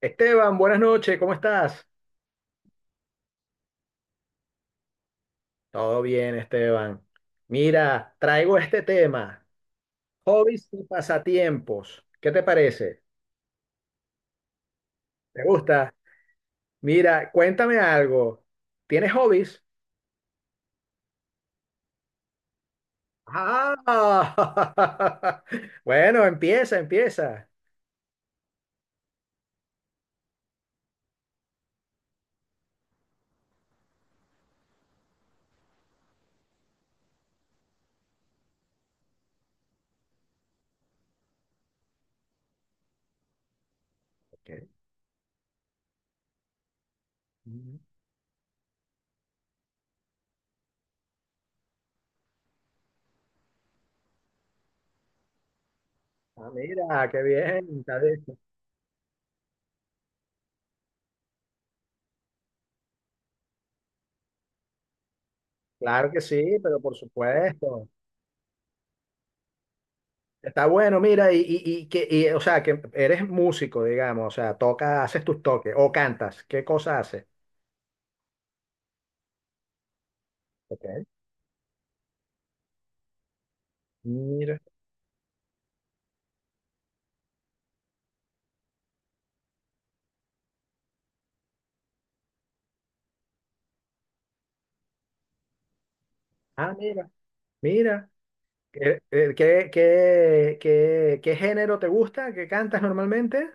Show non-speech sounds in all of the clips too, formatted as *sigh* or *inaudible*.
Esteban, buenas noches, ¿cómo estás? Todo bien, Esteban. Mira, traigo este tema, hobbies y pasatiempos. ¿Qué te parece? ¿Te gusta? Mira, cuéntame algo. ¿Tienes hobbies? Ah, *laughs* bueno, empieza, empieza. Ok. Ujú. Ah, mira, qué bien. Está bien. Claro que sí, pero por supuesto. Está bueno, mira, y que, o sea, que eres músico, digamos, o sea, toca, haces tus toques o cantas. ¿Qué cosa haces? Ok, mira, ah, mira, mira. ¿Qué género te gusta? ¿Qué cantas normalmente?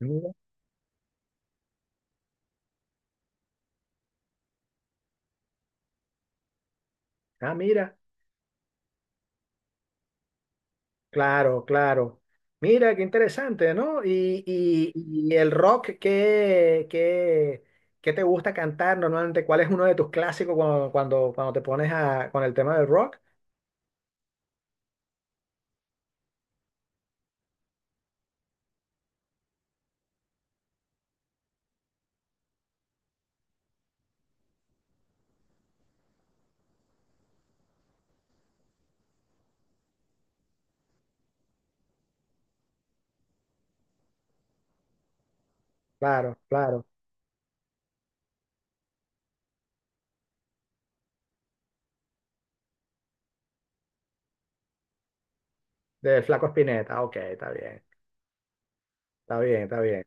Mira. Ah, mira, claro, claro. Mira, qué interesante, ¿no? Y el rock, ¿qué te gusta cantar normalmente? ¿Cuál es uno de tus clásicos cuando, te pones con el tema del rock? Claro, claro, del Flaco Spinetta. Ok, está bien, está bien, está bien.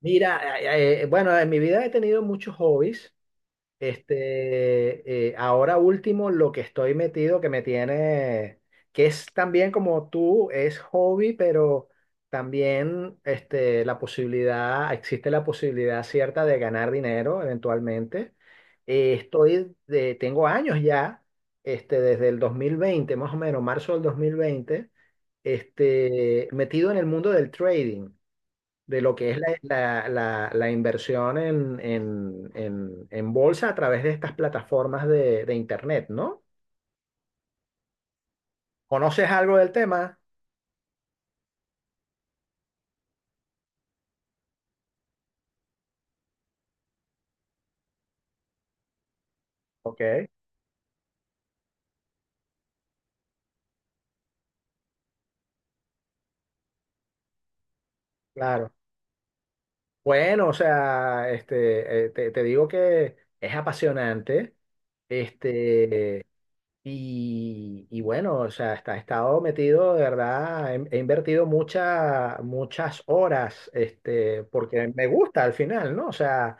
Mira, bueno, en mi vida he tenido muchos hobbies. Ahora último, lo que estoy metido, que me tiene, que es también como tú, es hobby, pero también la posibilidad, existe la posibilidad cierta de ganar dinero eventualmente. Tengo años ya, desde el 2020 más o menos, marzo del 2020 metido en el mundo del trading de lo que es la inversión en, bolsa a través de estas plataformas de Internet, ¿no? ¿Conoces algo del tema? Ok, claro. Bueno, o sea, te digo que es apasionante, este, y, bueno, o sea, he estado metido, de verdad, he invertido muchas horas, porque me gusta al final, ¿no? O sea,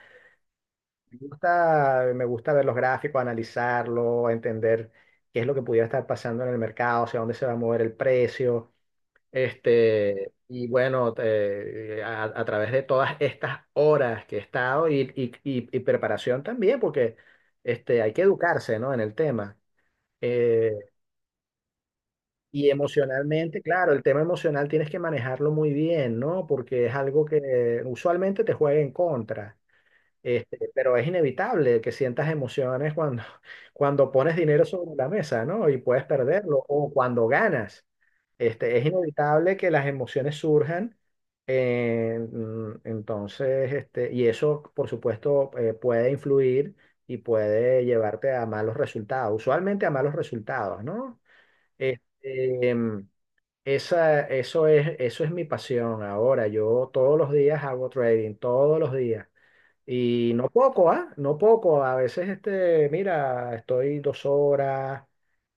me gusta, me gusta ver los gráficos, analizarlo, entender qué es lo que pudiera estar pasando en el mercado, hacia dónde se va a mover el precio. Y bueno, a través de todas estas horas que he estado y, preparación también, porque hay que educarse, ¿no?, en el tema. Eh, y emocionalmente, claro, el tema emocional tienes que manejarlo muy bien, ¿no? Porque es algo que usualmente te juega en contra. Pero es inevitable que sientas emociones cuando, *laughs* cuando pones dinero sobre la mesa, ¿no? Y puedes perderlo, o cuando ganas. Es inevitable que las emociones surjan. Entonces, y eso, por supuesto, puede influir y puede llevarte a malos resultados, usualmente a malos resultados, ¿no? Este, em, Eso es mi pasión ahora. Yo todos los días hago trading, todos los días. Y no poco, ¿ah? No poco. A veces, mira, estoy 2 horas,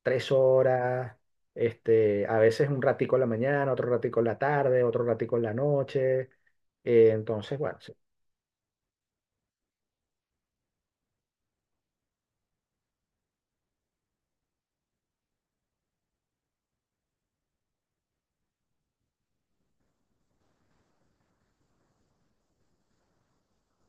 3 horas, a veces un ratico en la mañana, otro ratico en la tarde, otro ratico en la noche. Entonces, bueno, sí.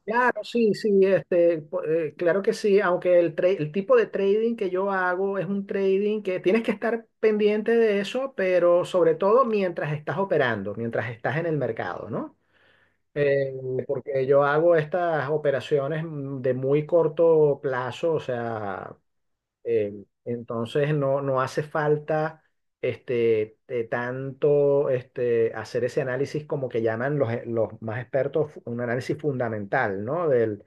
Claro, sí, sí, claro que sí, aunque el tipo de trading que yo hago es un trading que tienes que estar pendiente de eso, pero sobre todo mientras estás operando, mientras estás en el mercado, ¿no? Eh, Porque yo hago estas operaciones, de muy corto plazo, o sea, entonces no hace falta tanto, hacer ese análisis, como que llaman los más expertos, un análisis fundamental, ¿no? Del,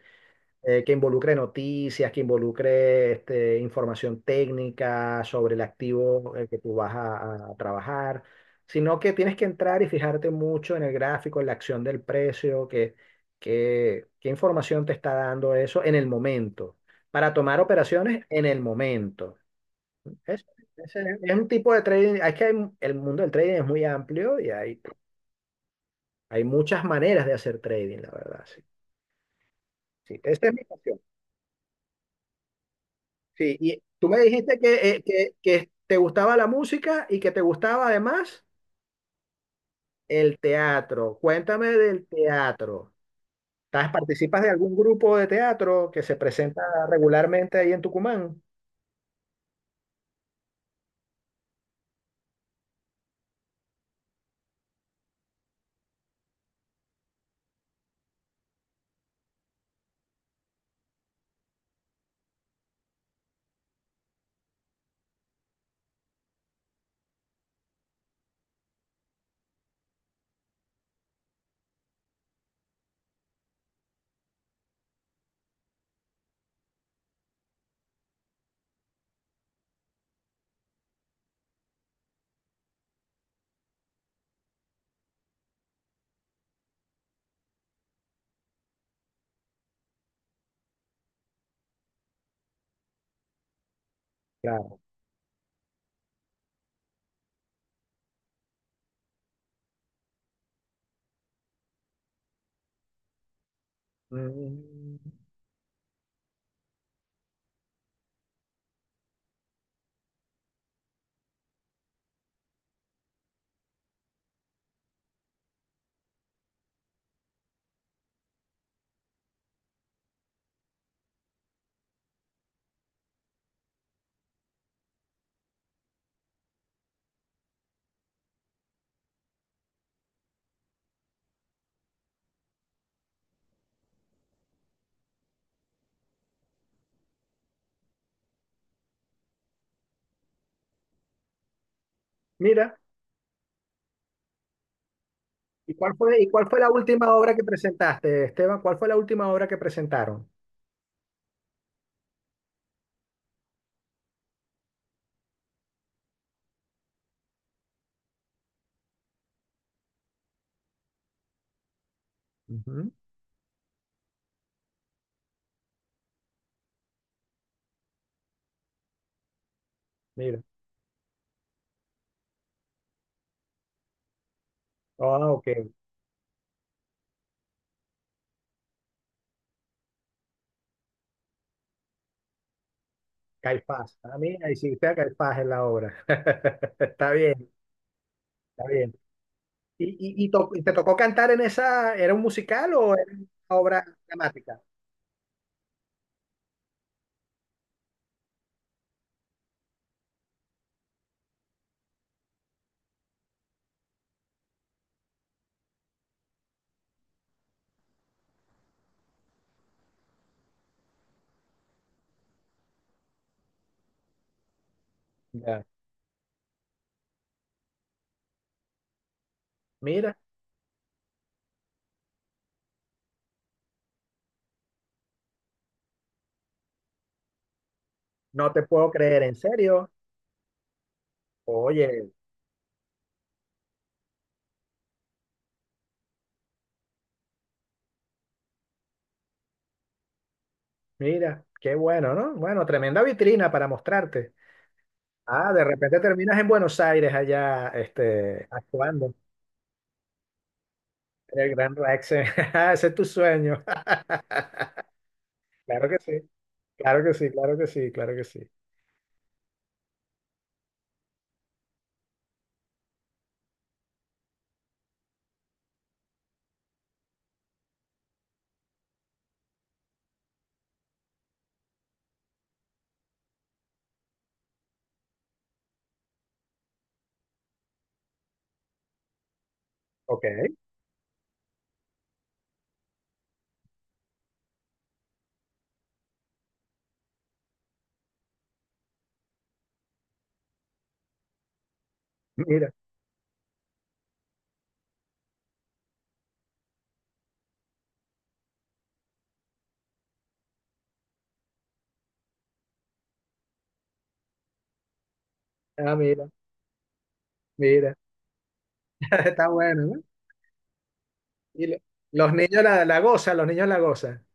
eh, Que involucre noticias, que involucre información técnica sobre el activo, que tú vas a trabajar, sino que tienes que entrar y fijarte mucho en el gráfico, en la acción del precio, qué información te está dando eso en el momento, para tomar operaciones en el momento. Es, es, es un tipo de trading, el mundo del trading es muy amplio y hay, muchas maneras de hacer trading, la verdad, sí. Sí, esa es mi pasión. Sí, y tú me dijiste que, que te gustaba la música y que te gustaba además el teatro. Cuéntame del teatro. ¿Participas de algún grupo de teatro que se presenta regularmente ahí en Tucumán? Claro. Mm, Mira, ¿y cuál fue la última obra que presentaste, Esteban? ¿Cuál fue la última obra que presentaron? Ujú. Mira. Ah, ok. Caifás. Ah, mira, hiciste a Caifás en la obra. *laughs* Está bien, está bien. ¿Y, y te tocó cantar era un musical o era una obra dramática? Ya. Mira, no te puedo creer, en serio. Oye, mira, qué bueno, ¿no? Bueno, tremenda vitrina para mostrarte. Ah, de repente terminas en Buenos Aires allá, actuando en el Gran Rex. *laughs* Ese es tu sueño. *laughs* Claro que sí, claro que sí, claro que sí, claro que sí. Ok, mira, ah, mira, mira. *laughs* Está bueno, ¿no? Y lo- los niños la gozan, los niños la gozan.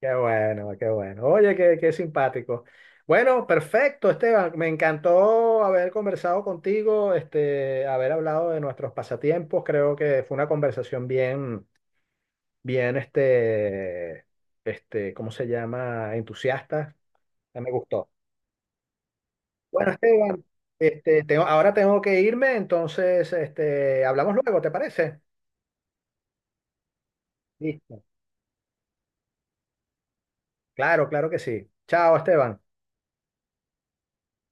Qué bueno, qué bueno. Oye, qué simpático. Bueno, perfecto, Esteban. Me encantó haber conversado contigo, haber hablado de nuestros pasatiempos. Creo que fue una conversación bien, bien, ¿cómo se llama?, entusiasta. Ya me gustó. Bueno, Esteban, ahora tengo que irme, entonces, hablamos luego, ¿te parece? Listo. Claro, claro que sí. Chao, Esteban.